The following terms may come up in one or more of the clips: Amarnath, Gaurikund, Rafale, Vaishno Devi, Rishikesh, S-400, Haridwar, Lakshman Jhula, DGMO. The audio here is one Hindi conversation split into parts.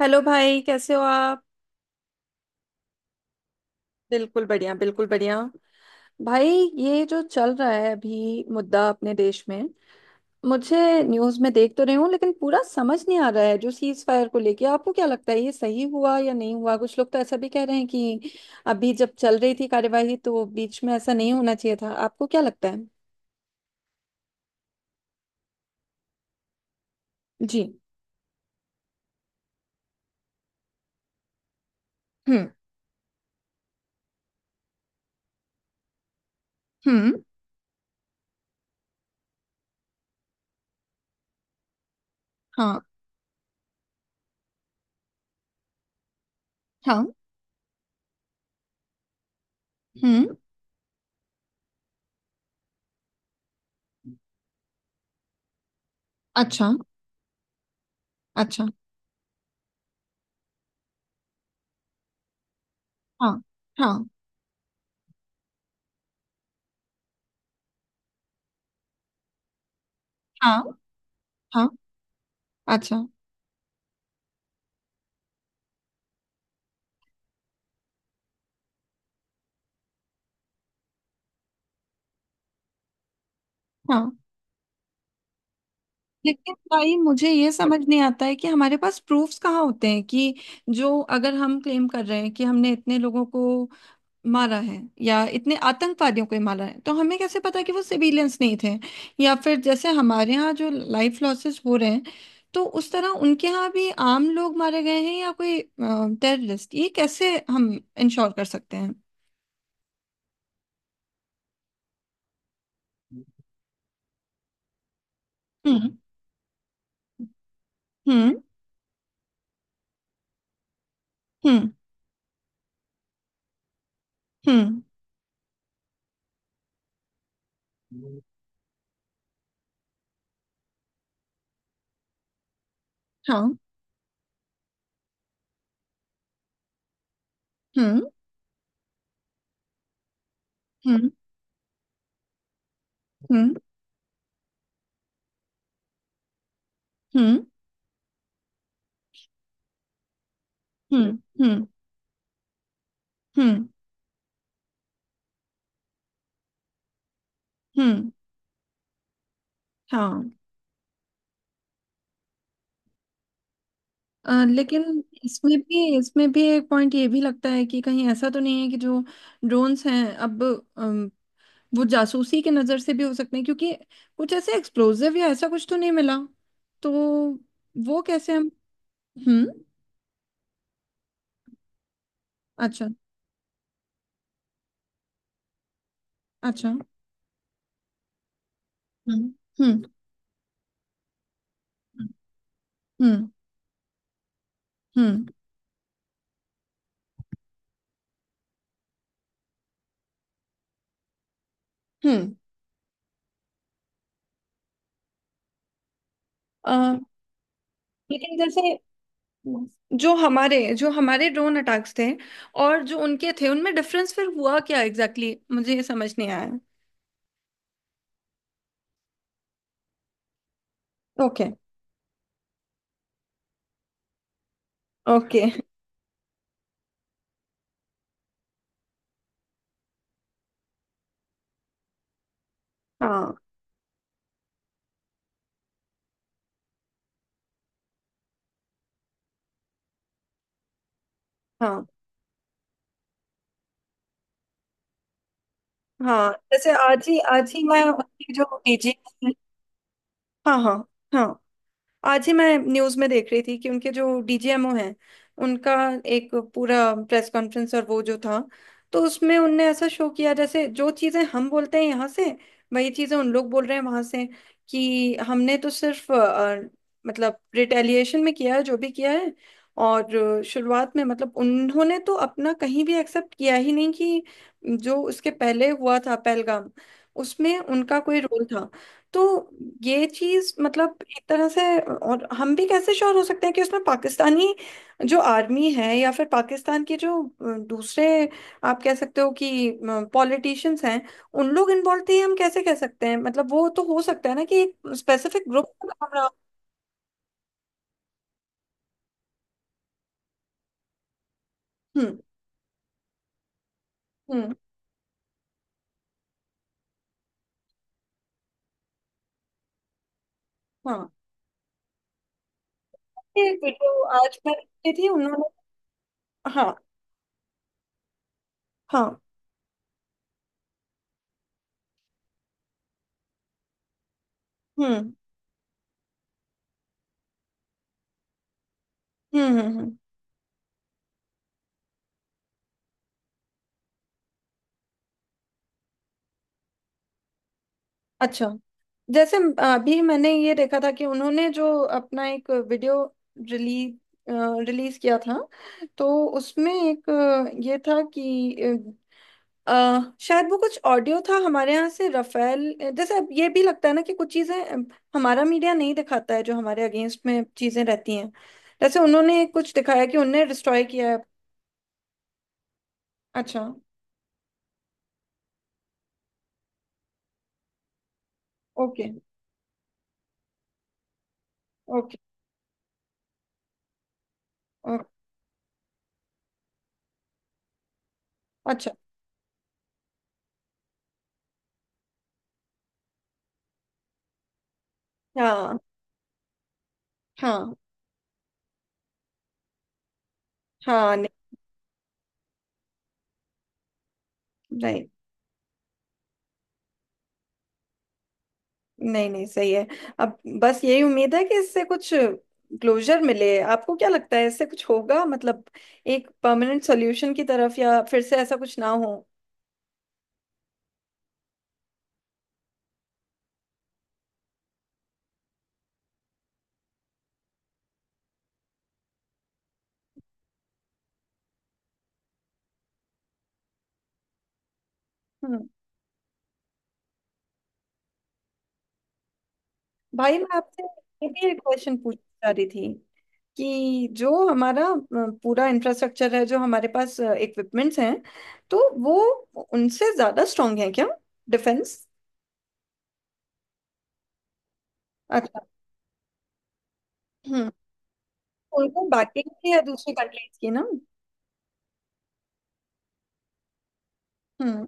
हेलो भाई, कैसे हो आप? बिल्कुल बढ़िया, बिल्कुल बढ़िया। भाई, ये जो चल रहा है अभी मुद्दा अपने देश में, मुझे न्यूज़ में देख तो रही हूँ लेकिन पूरा समझ नहीं आ रहा है। जो सीज फायर को लेके, आपको क्या लगता है ये सही हुआ या नहीं हुआ? कुछ लोग तो ऐसा भी कह रहे हैं कि अभी जब चल रही थी कार्यवाही तो बीच में ऐसा नहीं होना चाहिए था। आपको क्या लगता है? जी। हम्म। हम्म। हाँ। हाँ। हम्म। अच्छा। अच्छा। हाँ। हाँ। हाँ। हाँ। अच्छा। हाँ। लेकिन भाई, मुझे ये समझ नहीं आता है कि हमारे पास प्रूफ्स कहाँ होते हैं कि जो, अगर हम क्लेम कर रहे हैं कि हमने इतने लोगों को मारा है या इतने आतंकवादियों को ही मारा है, तो हमें कैसे पता कि वो सिविलियंस नहीं थे? या फिर जैसे हमारे यहाँ जो लाइफ लॉसेस हो रहे हैं, तो उस तरह उनके यहाँ भी आम लोग मारे गए हैं या कोई टेररिस्ट, ये कैसे हम इंश्योर कर सकते हैं? हम्म। हम्म। हम्म। हम्म। हाँ। हम्म। हम्म। हम्म। हम्म। हम्म। हम्म। हम्म। हम्म। हाँ। लेकिन इसमें भी एक पॉइंट ये भी लगता है कि कहीं ऐसा तो नहीं है कि जो ड्रोन्स हैं अब, अम, वो जासूसी के नज़र से भी हो सकते हैं, क्योंकि कुछ ऐसे एक्सप्लोजिव या ऐसा कुछ तो नहीं मिला। तो वो कैसे हम... हम्म। अच्छा। अच्छा। हम्म। हम्म। हम्म। हम्म। हम्म। अ, लेकिन जैसे जो हमारे ड्रोन अटैक्स थे और जो उनके थे, उनमें डिफरेंस फिर हुआ क्या एग्जैक्टली exactly? मुझे ये समझ नहीं आया। ओके। ओके। हाँ। हाँ। हाँ जैसे आज ही मैं अपनी जो पीजी... हाँ। हाँ। हाँ। आज ही मैं न्यूज में देख रही थी कि उनके जो डीजीएमओ हैं, उनका एक पूरा प्रेस कॉन्फ्रेंस, और वो जो था, तो उसमें उनने ऐसा शो किया जैसे जो चीजें हम बोलते हैं यहाँ से, वही चीजें उन लोग बोल रहे हैं वहां से कि हमने तो सिर्फ मतलब रिटेलिएशन में किया है जो भी किया है। और शुरुआत में मतलब उन्होंने तो अपना कहीं भी एक्सेप्ट किया ही नहीं कि जो उसके पहले हुआ था, पहलगाम, उसमें उनका कोई रोल था। तो ये चीज मतलब एक तरह से, और हम भी कैसे श्योर हो सकते हैं कि उसमें पाकिस्तानी जो आर्मी है या फिर पाकिस्तान के जो दूसरे, आप कह सकते हो कि पॉलिटिशियंस हैं, उन लोग इन्वॉल्व थे? हम कैसे कह सकते हैं? मतलब वो तो हो सकता है ना कि एक स्पेसिफिक ग्रुप हमारा... हम्म। हम्म। हाँ। ये वीडियो आज मैं देखी थी उन्होंने। हाँ। हाँ। हम्म। हम्म। हम्म। हम्म। अच्छा। जैसे अभी मैंने ये देखा था कि उन्होंने जो अपना एक वीडियो रिलीज रिलीज किया था, तो उसमें एक ये था कि शायद वो कुछ ऑडियो था हमारे यहाँ से, रफेल। जैसे अब ये भी लगता है ना कि कुछ चीज़ें हमारा मीडिया नहीं दिखाता है, जो हमारे अगेंस्ट में चीज़ें रहती हैं। जैसे उन्होंने कुछ दिखाया कि उन्होंने डिस्ट्रॉय किया है। अच्छा। ओके। ओके। ओके। अच्छा। हाँ। हाँ। हाँ, नहीं। राइट। नहीं, नहीं, सही है। अब बस यही उम्मीद है कि इससे कुछ क्लोजर मिले। आपको क्या लगता है इससे कुछ होगा? मतलब एक परमानेंट सॉल्यूशन की तरफ, या फिर से ऐसा कुछ ना हो। हम्म। भाई मैं आपसे ये भी एक क्वेश्चन पूछना चाह रही थी कि जो हमारा पूरा इंफ्रास्ट्रक्चर है, जो हमारे पास इक्विपमेंट्स हैं, तो वो उनसे ज्यादा स्ट्रांग है क्या? डिफेंस? अच्छा। हम्म। उनको बैकिंग भी है दूसरी कंट्रीज की ना। हम्म।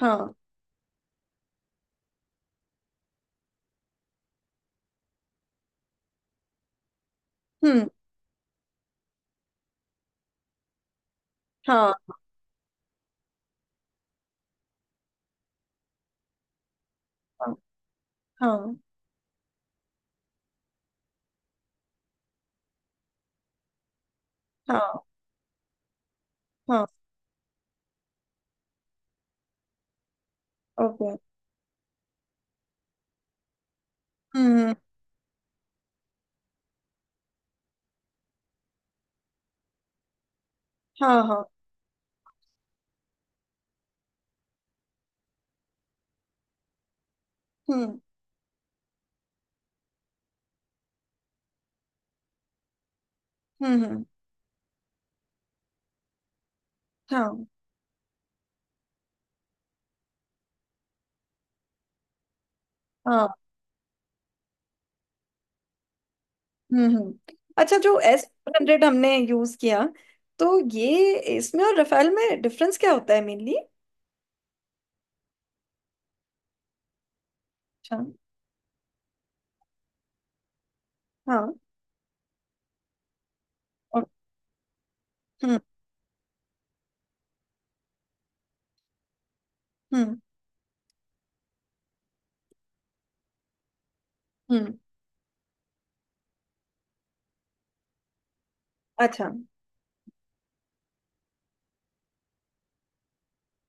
हाँ। हम्म। हाँ। हाँ। हाँ। हाँ। हाँ। ओके। हम्म। हाँ। हाँ। हम्म। हम्म। हाँ। हाँ। हम्म। हम्म। अच्छा, जो एस 100 हमने यूज किया, तो ये इसमें और रफेल में डिफरेंस क्या होता है मेनली? अच्छा। हाँ। ओ- हम्म। हम्म। हम्म। अच्छा।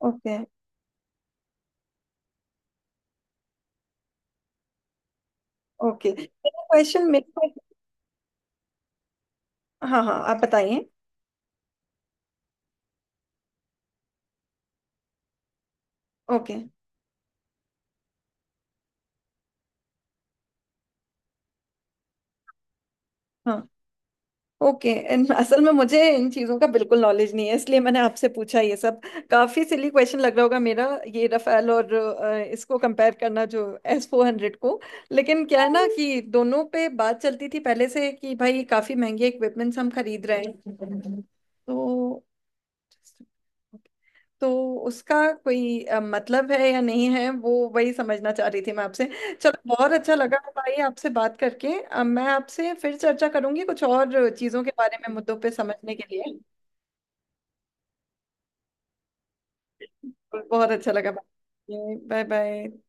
ओके। ओके, मेरा क्वेश्चन मेरे को... हाँ, हाँ, आप बताइए। ओके। हाँ। ओके। असल में मुझे इन चीज़ों का बिल्कुल नॉलेज नहीं है, इसलिए मैंने आपसे पूछा ये सब। काफ़ी सिली क्वेश्चन लग रहा होगा मेरा, ये रफेल और इसको कंपेयर करना, जो एस 400 को। लेकिन क्या है ना कि दोनों पे बात चलती थी पहले से कि भाई काफ़ी महंगे इक्विपमेंट्स हम खरीद रहे हैं, तो तो उसका कोई मतलब है या नहीं है, वो वही समझना चाह रही थी मैं आपसे। चलो, बहुत अच्छा लगा भाई आपसे बात करके। मैं आपसे फिर चर्चा करूंगी कुछ और चीज़ों के बारे में, मुद्दों पे समझने के लिए। बहुत अच्छा लगा। Bye bye.